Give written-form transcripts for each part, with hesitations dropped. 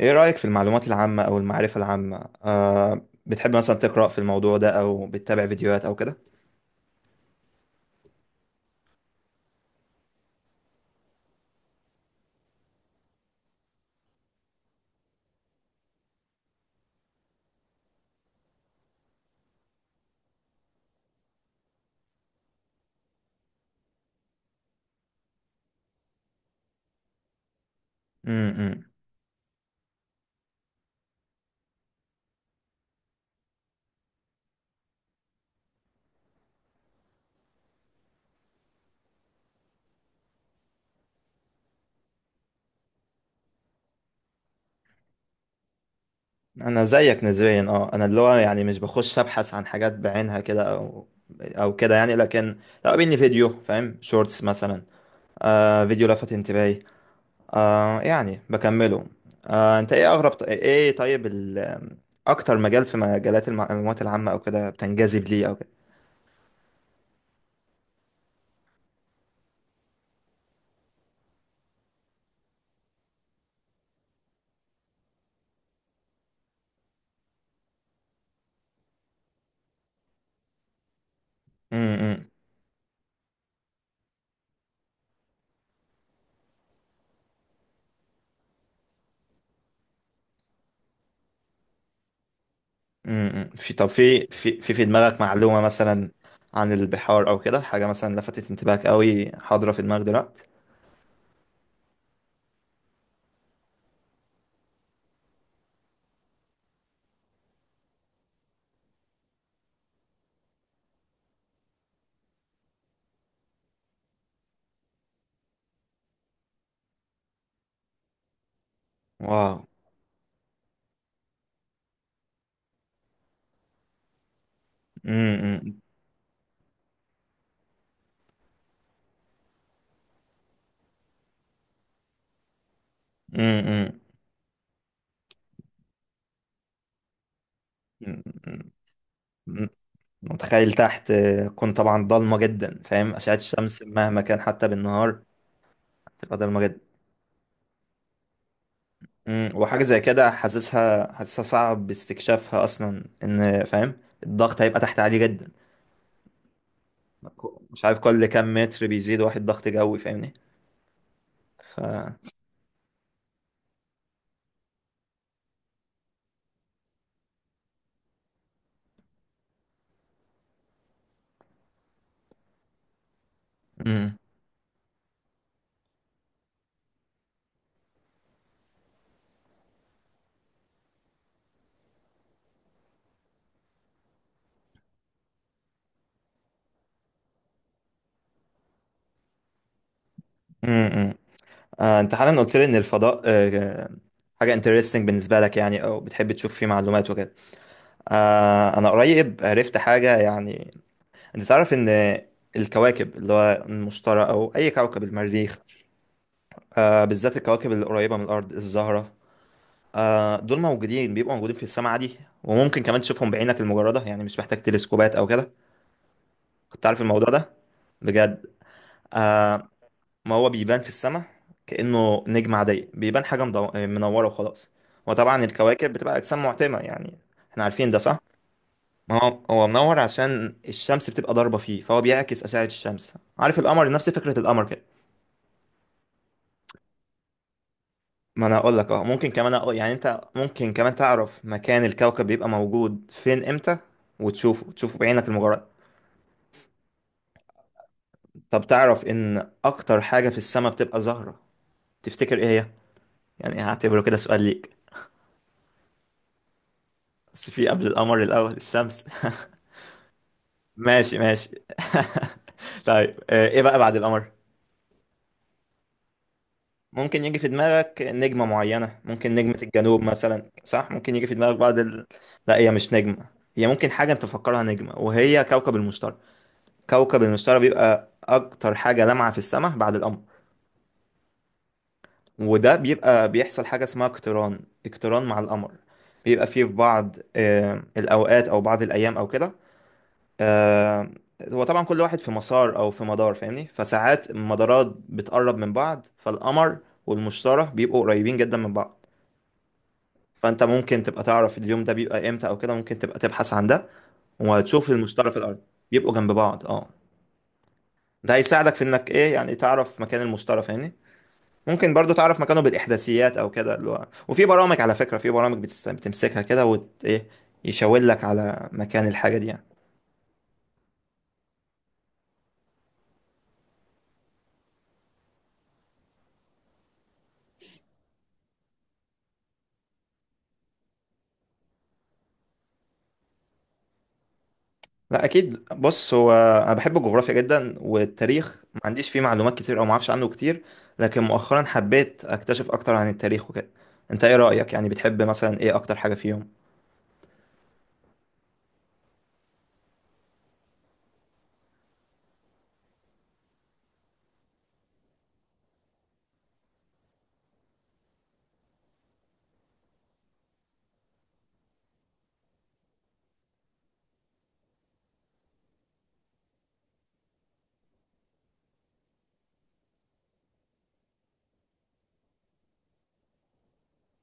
ايه رأيك في المعلومات العامة او المعرفة العامة، بتحب مثلا تقرأ في الموضوع ده او بتتابع فيديوهات او كده؟ امم. انا زيك نسبيا. اه انا اللي هو يعني مش بخش ابحث عن حاجات بعينها كده، او كده يعني. لكن لو قابلني فيديو، فاهم، شورتس مثلا، فيديو لفت انتباهي، يعني بكمله. انت ايه اغرب، ايه طيب، اكتر مجال في مجالات المعلومات العامة او كده بتنجذب ليه او كده؟ امم. طب، في دماغك معلومة مثلا عن البحار او كده، حاجة مثلا لفتت انتباهك قوي، حاضرة في دماغك دلوقتي؟ واو. امم. امم. متخيل تحت، كون طبعا ضلمة جدا، فاهم، أشعة الشمس مهما كان حتى بالنهار تبقى ضلمة جدا. امم. وحاجة زي كده حاسسها صعب استكشافها اصلا، ان فاهم الضغط هيبقى تحت عالي جدا. مش عارف كل كام متر بيزيد واحد ضغط جوي، فاهمني؟ ف امم. امم. انت حالا قلت لي ان الفضاء حاجه انترستنج بالنسبه لك يعني، او بتحب تشوف فيه معلومات وكده. انا قريب عرفت حاجه يعني. انت تعرف ان الكواكب، اللي هو المشتري او اي كوكب، المريخ، بالذات الكواكب اللي قريبه من الارض، الزهره، دول موجودين بيبقوا موجودين في السماء عادي. وممكن كمان تشوفهم بعينك المجرده، يعني مش محتاج تلسكوبات او كده. كنت عارف الموضوع ده؟ بجد. آه، ما هو بيبان في السماء كأنه نجمة عادية. بيبان حاجة منورة وخلاص. وطبعا الكواكب بتبقى أجسام معتمة يعني، احنا عارفين ده صح؟ ما هو هو منور عشان الشمس بتبقى ضاربة فيه، فهو بيعكس أشعة الشمس. عارف القمر؟ نفس فكرة القمر كده. ما انا اقول لك. اه ممكن كمان أقول، يعني انت ممكن كمان تعرف مكان الكوكب بيبقى موجود فين امتى تشوفه بعينك المجرد. طب تعرف ان اكتر حاجة في السماء بتبقى زهرة؟ تفتكر ايه هي؟ يعني هعتبره كده سؤال ليك. بس في قبل القمر الاول، الشمس. ماشي ماشي. طيب، ايه بقى بعد القمر؟ ممكن يجي في دماغك نجمة معينة، ممكن نجمة الجنوب مثلا صح، ممكن يجي في دماغك بعد لا، هي مش نجمة، هي ممكن حاجة انت تفكرها نجمة وهي كوكب المشتري. كوكب المشتري بيبقى اكتر حاجة لامعة في السماء بعد القمر. وده بيبقى بيحصل حاجة اسمها اقتران، اقتران مع القمر. بيبقى فيه في بعض الأوقات أو بعض الأيام أو كده. آه، هو طبعا كل واحد في مسار او في مدار، فاهمني؟ فساعات المدارات بتقرب من بعض، فالقمر والمشتري بيبقوا قريبين جدا من بعض. فانت ممكن تبقى تعرف اليوم ده بيبقى امتى او كده، ممكن تبقى تبحث عن ده وتشوف المشتري في الارض. بيبقوا جنب بعض، اه. ده هيساعدك في انك ايه، يعني تعرف مكان المشتري، فاهمني؟ ممكن برضو تعرف مكانه بالاحداثيات او كده، اللي هو، وفي برامج على فكرة. في برامج بتمسكها كده ايه، يشاور لك على مكان الحاجة دي يعني. لا اكيد، بص، هو انا بحب الجغرافيا جدا، والتاريخ ما عنديش فيه معلومات كتير او ما اعرفش عنه كتير. لكن مؤخرا حبيت اكتشف اكتر عن التاريخ وكده. انت ايه رايك يعني؟ بتحب مثلا ايه اكتر حاجه فيهم؟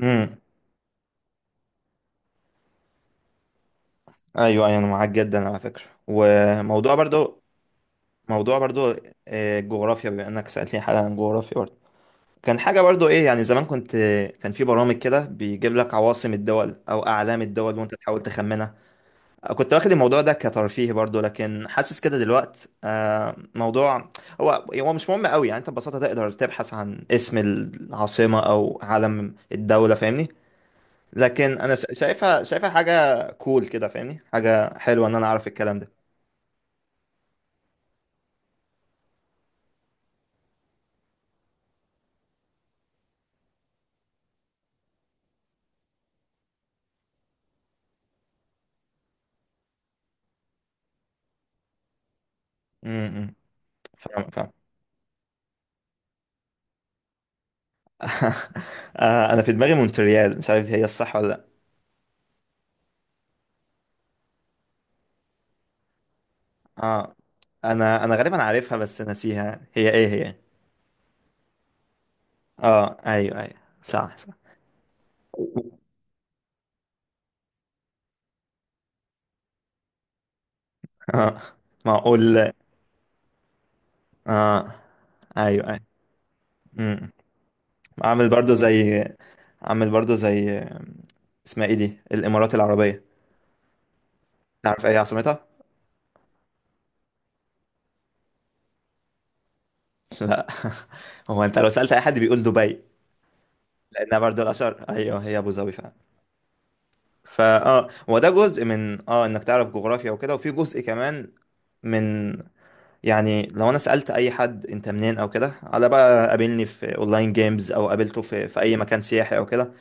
امم. ايوه ايوه، انا معاك جدا على فكره. وموضوع برضو، موضوع برضو، الجغرافيا، بما انك سالتني حالا عن الجغرافيا، برضو كان حاجه برضو ايه يعني، زمان كنت، كان في برامج كده بيجيب لك عواصم الدول او اعلام الدول وانت تحاول تخمنها. كنت واخد الموضوع ده كترفيه برضو، لكن حاسس كده دلوقت موضوع، هو هو مش مهم قوي يعني. انت ببساطة تقدر تبحث عن اسم العاصمة او علم الدولة، فاهمني. لكن انا شايفها حاجة كول كده، فاهمني، حاجة حلوة ان انا اعرف الكلام ده. امم. فاهم فاهم. انا في دماغي مونتريال، مش عارف هي الصح ولا لا. اه، انا غالبا عارفها بس ناسيها، هي ايه هي؟ اه ايوه ايوه صح صح. اه، معقول. اه ايوه ايوه. امم. عامل برضو زي عامل برضو زي، اسمها ايه دي، الامارات العربيه، تعرف ايه عاصمتها؟ لا. هو انت لو سالت اي حد بيقول دبي، لانها برضو الاشهر. ايوه، هي ابو ظبي فعلا. فا اه هو ده جزء من انك تعرف جغرافيا وكده. وفي جزء كمان من، يعني لو انا سالت اي حد انت منين او كده، على بقى قابلني في اونلاين جيمز او قابلته في اي مكان سياحي او كده،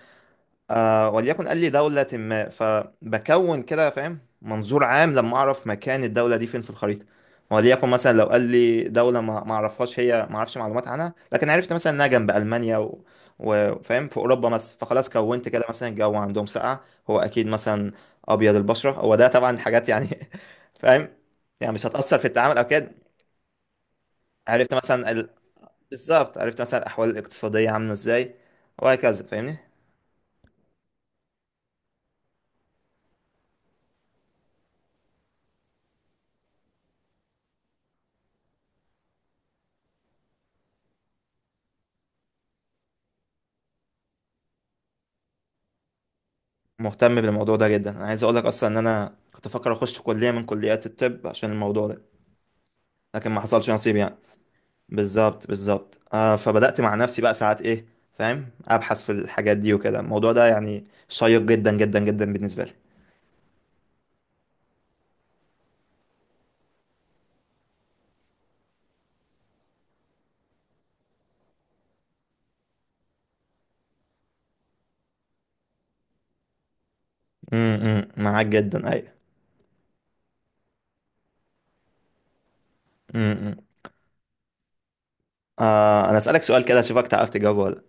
آه وليكن قال لي دولة ما، فبكون كده فاهم منظور عام لما أعرف مكان الدولة دي فين في الخريطة. وليكن مثلا لو قال لي دولة ما ما أعرفهاش، هي ما أعرفش معلومات عنها، لكن عرفت مثلا إنها جنب ألمانيا وفاهم في أوروبا مثلا. فخلاص كونت كده مثلا الجو عندهم ساقعة. هو أكيد مثلا أبيض البشرة، هو ده طبعا حاجات يعني، فاهم، يعني مش هتأثر في التعامل أو كده. عرفت مثلا ال... بالظبط، عرفت مثلا الأحوال الاقتصادية عاملة إزاي وهكذا، فاهمني. مهتم بالموضوع ده جدا. انا عايز اقول لك اصلا ان انا كنت فاكر اخش كليه من كليات الطب عشان الموضوع ده، لكن ما حصلش نصيب يعني. بالظبط بالظبط، فبدات مع نفسي بقى ساعات ايه، فاهم، ابحث في الحاجات دي وكده. الموضوع ده يعني شيق جدا جدا جدا بالنسبه لي. معاك جدا، ايوه. امم. انا اسالك سؤال كده اشوفك تعرف تجاوبه ولا لأ.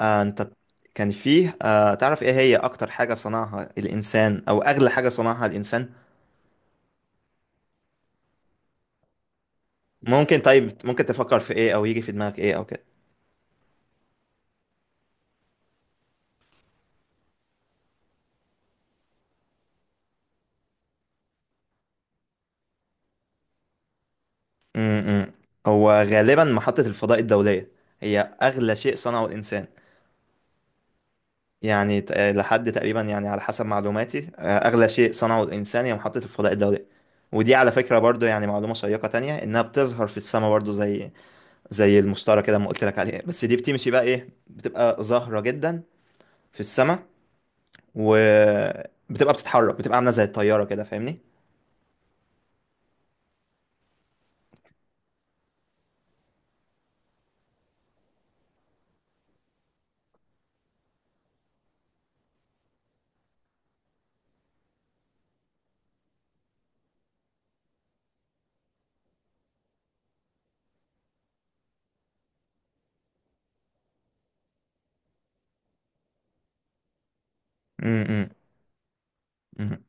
آه انت كان فيه، تعرف ايه هي اكتر حاجه صنعها الانسان او اغلى حاجه صنعها الانسان؟ طيب، ممكن تفكر في ايه او يجي في دماغك ايه او كده؟ امم. هو غالبا محطة الفضاء الدولية هي أغلى شيء صنعه الإنسان. يعني لحد تقريبا يعني، على حسب معلوماتي أغلى شيء صنعه الإنسان هي محطة الفضاء الدولية. ودي على فكرة برضو يعني معلومة شيقة تانية، إنها بتظهر في السماء برضو زي المشتري كده ما قلت لك عليه. بس دي بتمشي بقى إيه، بتبقى زهرة جدا في السماء، وبتبقى بتتحرك، بتبقى عاملة زي الطيارة كده، فاهمني؟ امم. امم. امم.